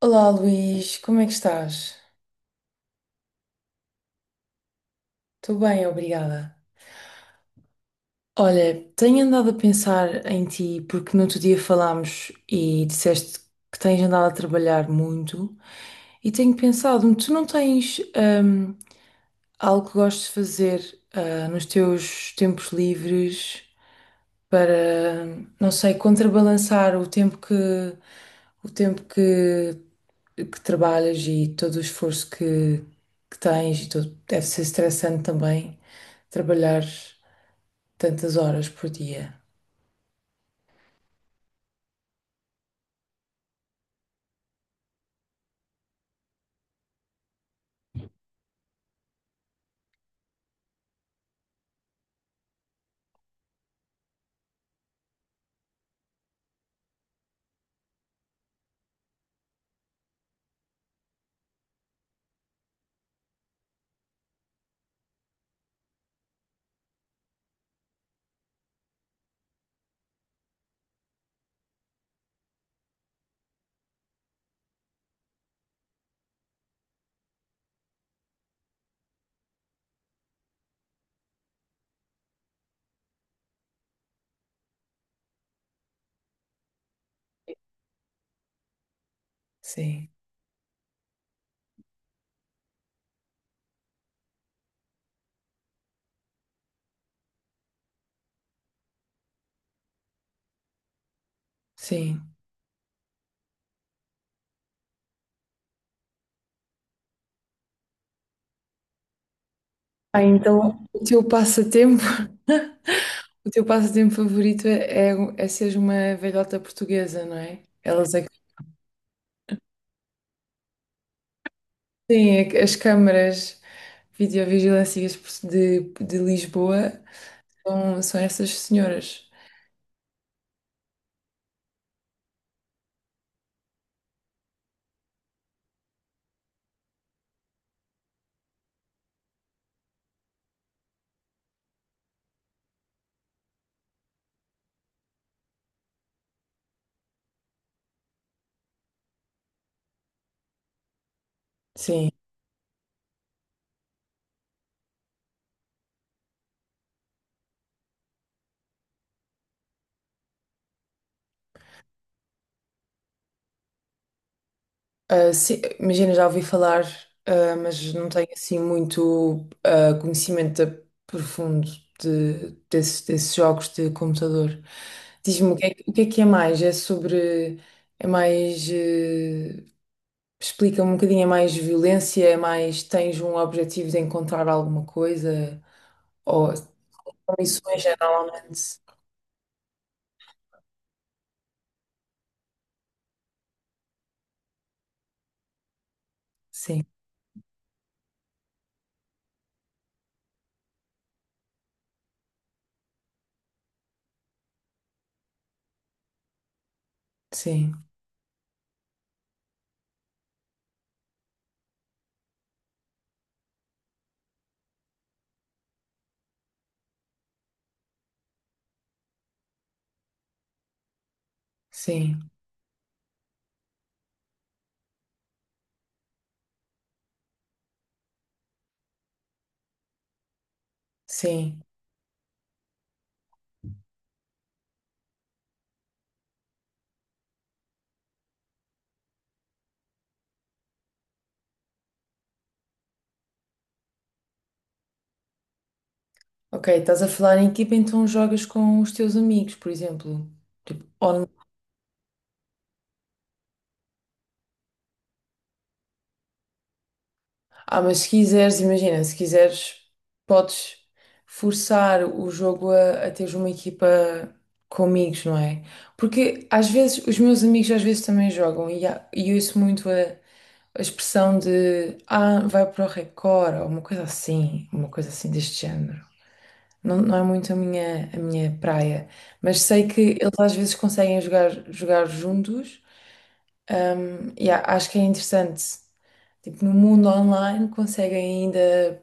Olá Luís, como é que estás? Estou bem, obrigada. Olha, tenho andado a pensar em ti porque no outro dia falámos e disseste que tens andado a trabalhar muito e tenho pensado, tu não tens algo que gostes de fazer nos teus tempos livres? Para, não sei, contrabalançar o tempo que o tempo que, que trabalhas e todo o esforço que tens e todo, deve ser estressante também trabalhar tantas horas por dia. Sim, sim. Ah, então o teu passatempo favorito é, é seres uma velhota portuguesa, não é? Elas é que têm as câmaras videovigilâncias de Lisboa. São, são essas senhoras. Sim. Ah, sim, imagina, já ouvi falar, ah, mas não tenho assim muito profundo desses jogos de computador. Diz-me o que é mais? É sobre. É mais. Explica-me um bocadinho, é mais violência, é mais tens um objetivo de encontrar alguma coisa? Ou são missões geralmente? Sim, sim, sim, sim. Ok, estás a falar em equipa, então jogas com os teus amigos, por exemplo. Tipo, on- Ah, mas se quiseres, imagina, se quiseres, podes forçar o jogo a teres uma equipa com amigos, não é? Porque às vezes, os meus amigos às vezes também jogam e eu ouço muito a expressão de ah, vai para o Record, ou uma coisa assim deste género. Não, não é muito a minha praia, mas sei que eles às vezes conseguem jogar juntos. Um, yeah, acho que é interessante. Tipo, no mundo online conseguem ainda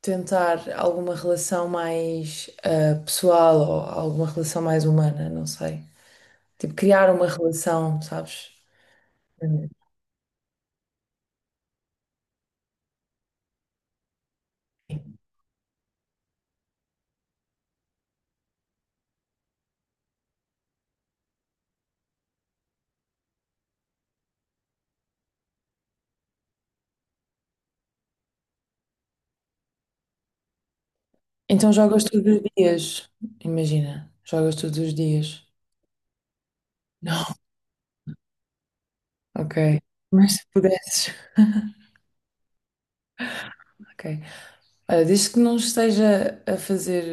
tentar alguma relação mais pessoal ou alguma relação mais humana, não sei. Tipo, criar uma relação, sabes? Hum. Então jogas todos os dias. Imagina, jogas todos os dias. Não. Ok. Mas se pudesses. Ok. Olha, desde que não esteja a fazer,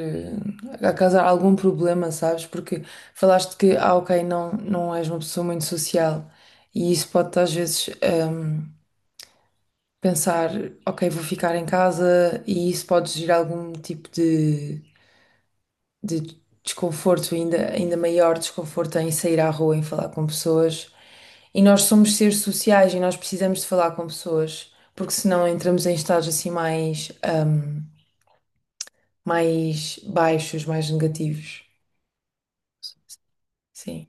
eh, a causar algum problema, sabes? Porque falaste que, ah, ok, não, não és uma pessoa muito social e isso pode-te às vezes pensar, ok, vou ficar em casa e isso pode gerar algum tipo de desconforto, ainda maior desconforto em sair à rua, em falar com pessoas. E nós somos seres sociais e nós precisamos de falar com pessoas, porque senão entramos em estados assim mais. Mais baixos, mais negativos. Sim.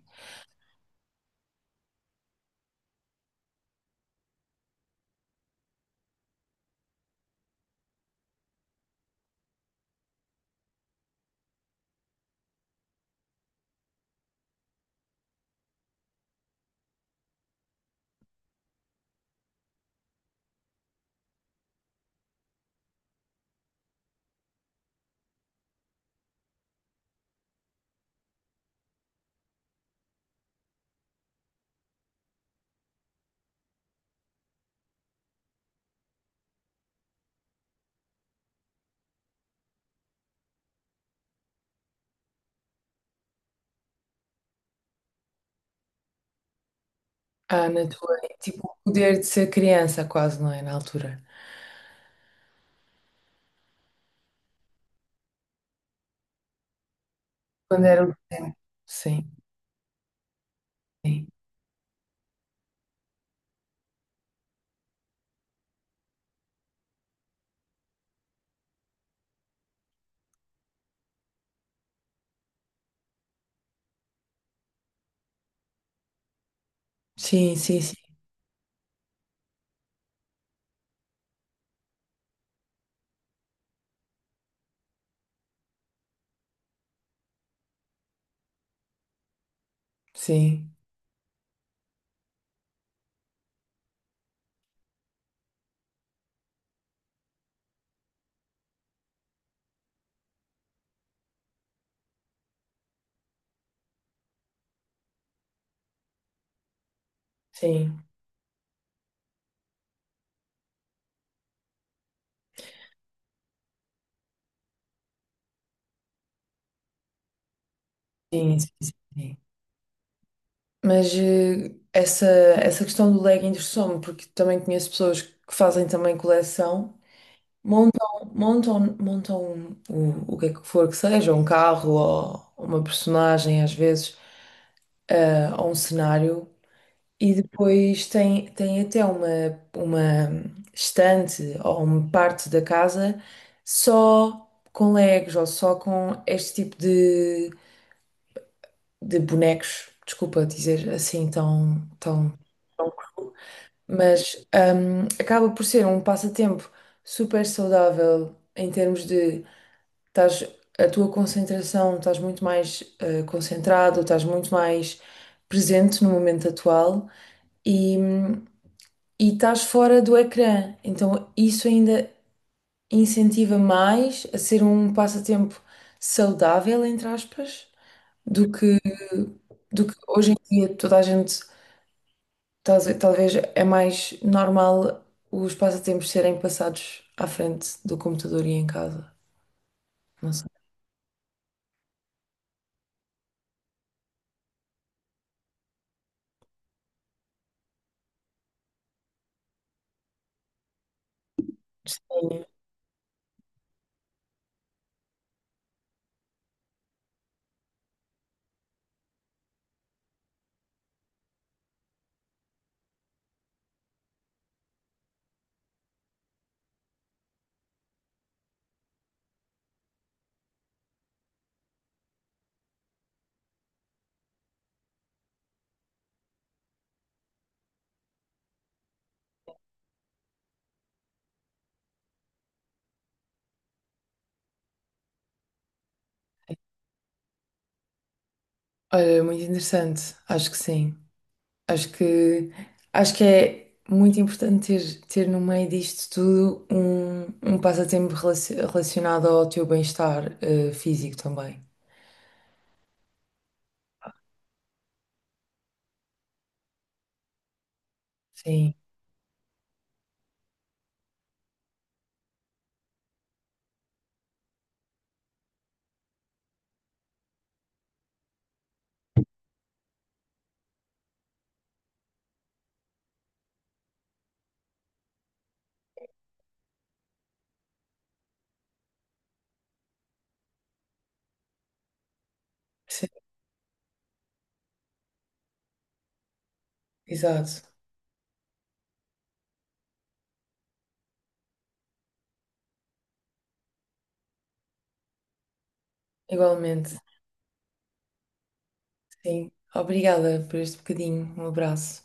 Ah, na tua, é tipo, o poder de ser criança, quase, não é? Na altura. Quando era o. Sim, sim. Sim, sim, sim. Sim, sim, sim, sim, sim, sim. Mas essa questão do legging interessou-me, porque também conheço pessoas que fazem também coleção, montam o que é que for que seja, um carro ou uma personagem às vezes, ou um cenário. E depois tem, tem até uma estante ou uma parte da casa só com Legos ou só com este tipo de bonecos. Desculpa dizer assim tão cru, mas acaba por ser um passatempo super saudável em termos de estás, a tua concentração, estás muito mais concentrado, estás muito mais presente no momento atual. e hum, e estás fora do ecrã. Então, isso ainda incentiva mais a ser um passatempo saudável, entre aspas, do que, do que hoje em dia toda a gente, talvez é mais normal os passatempos serem passados à frente do computador e em casa. Não sei. Sim. Olha, muito interessante. Acho que sim. Acho que, acho que é muito importante ter no meio disto tudo um, um passatempo relacionado ao teu bem-estar, físico também. Sim, sim, exato. Igualmente, sim. Obrigada por este bocadinho. Um abraço.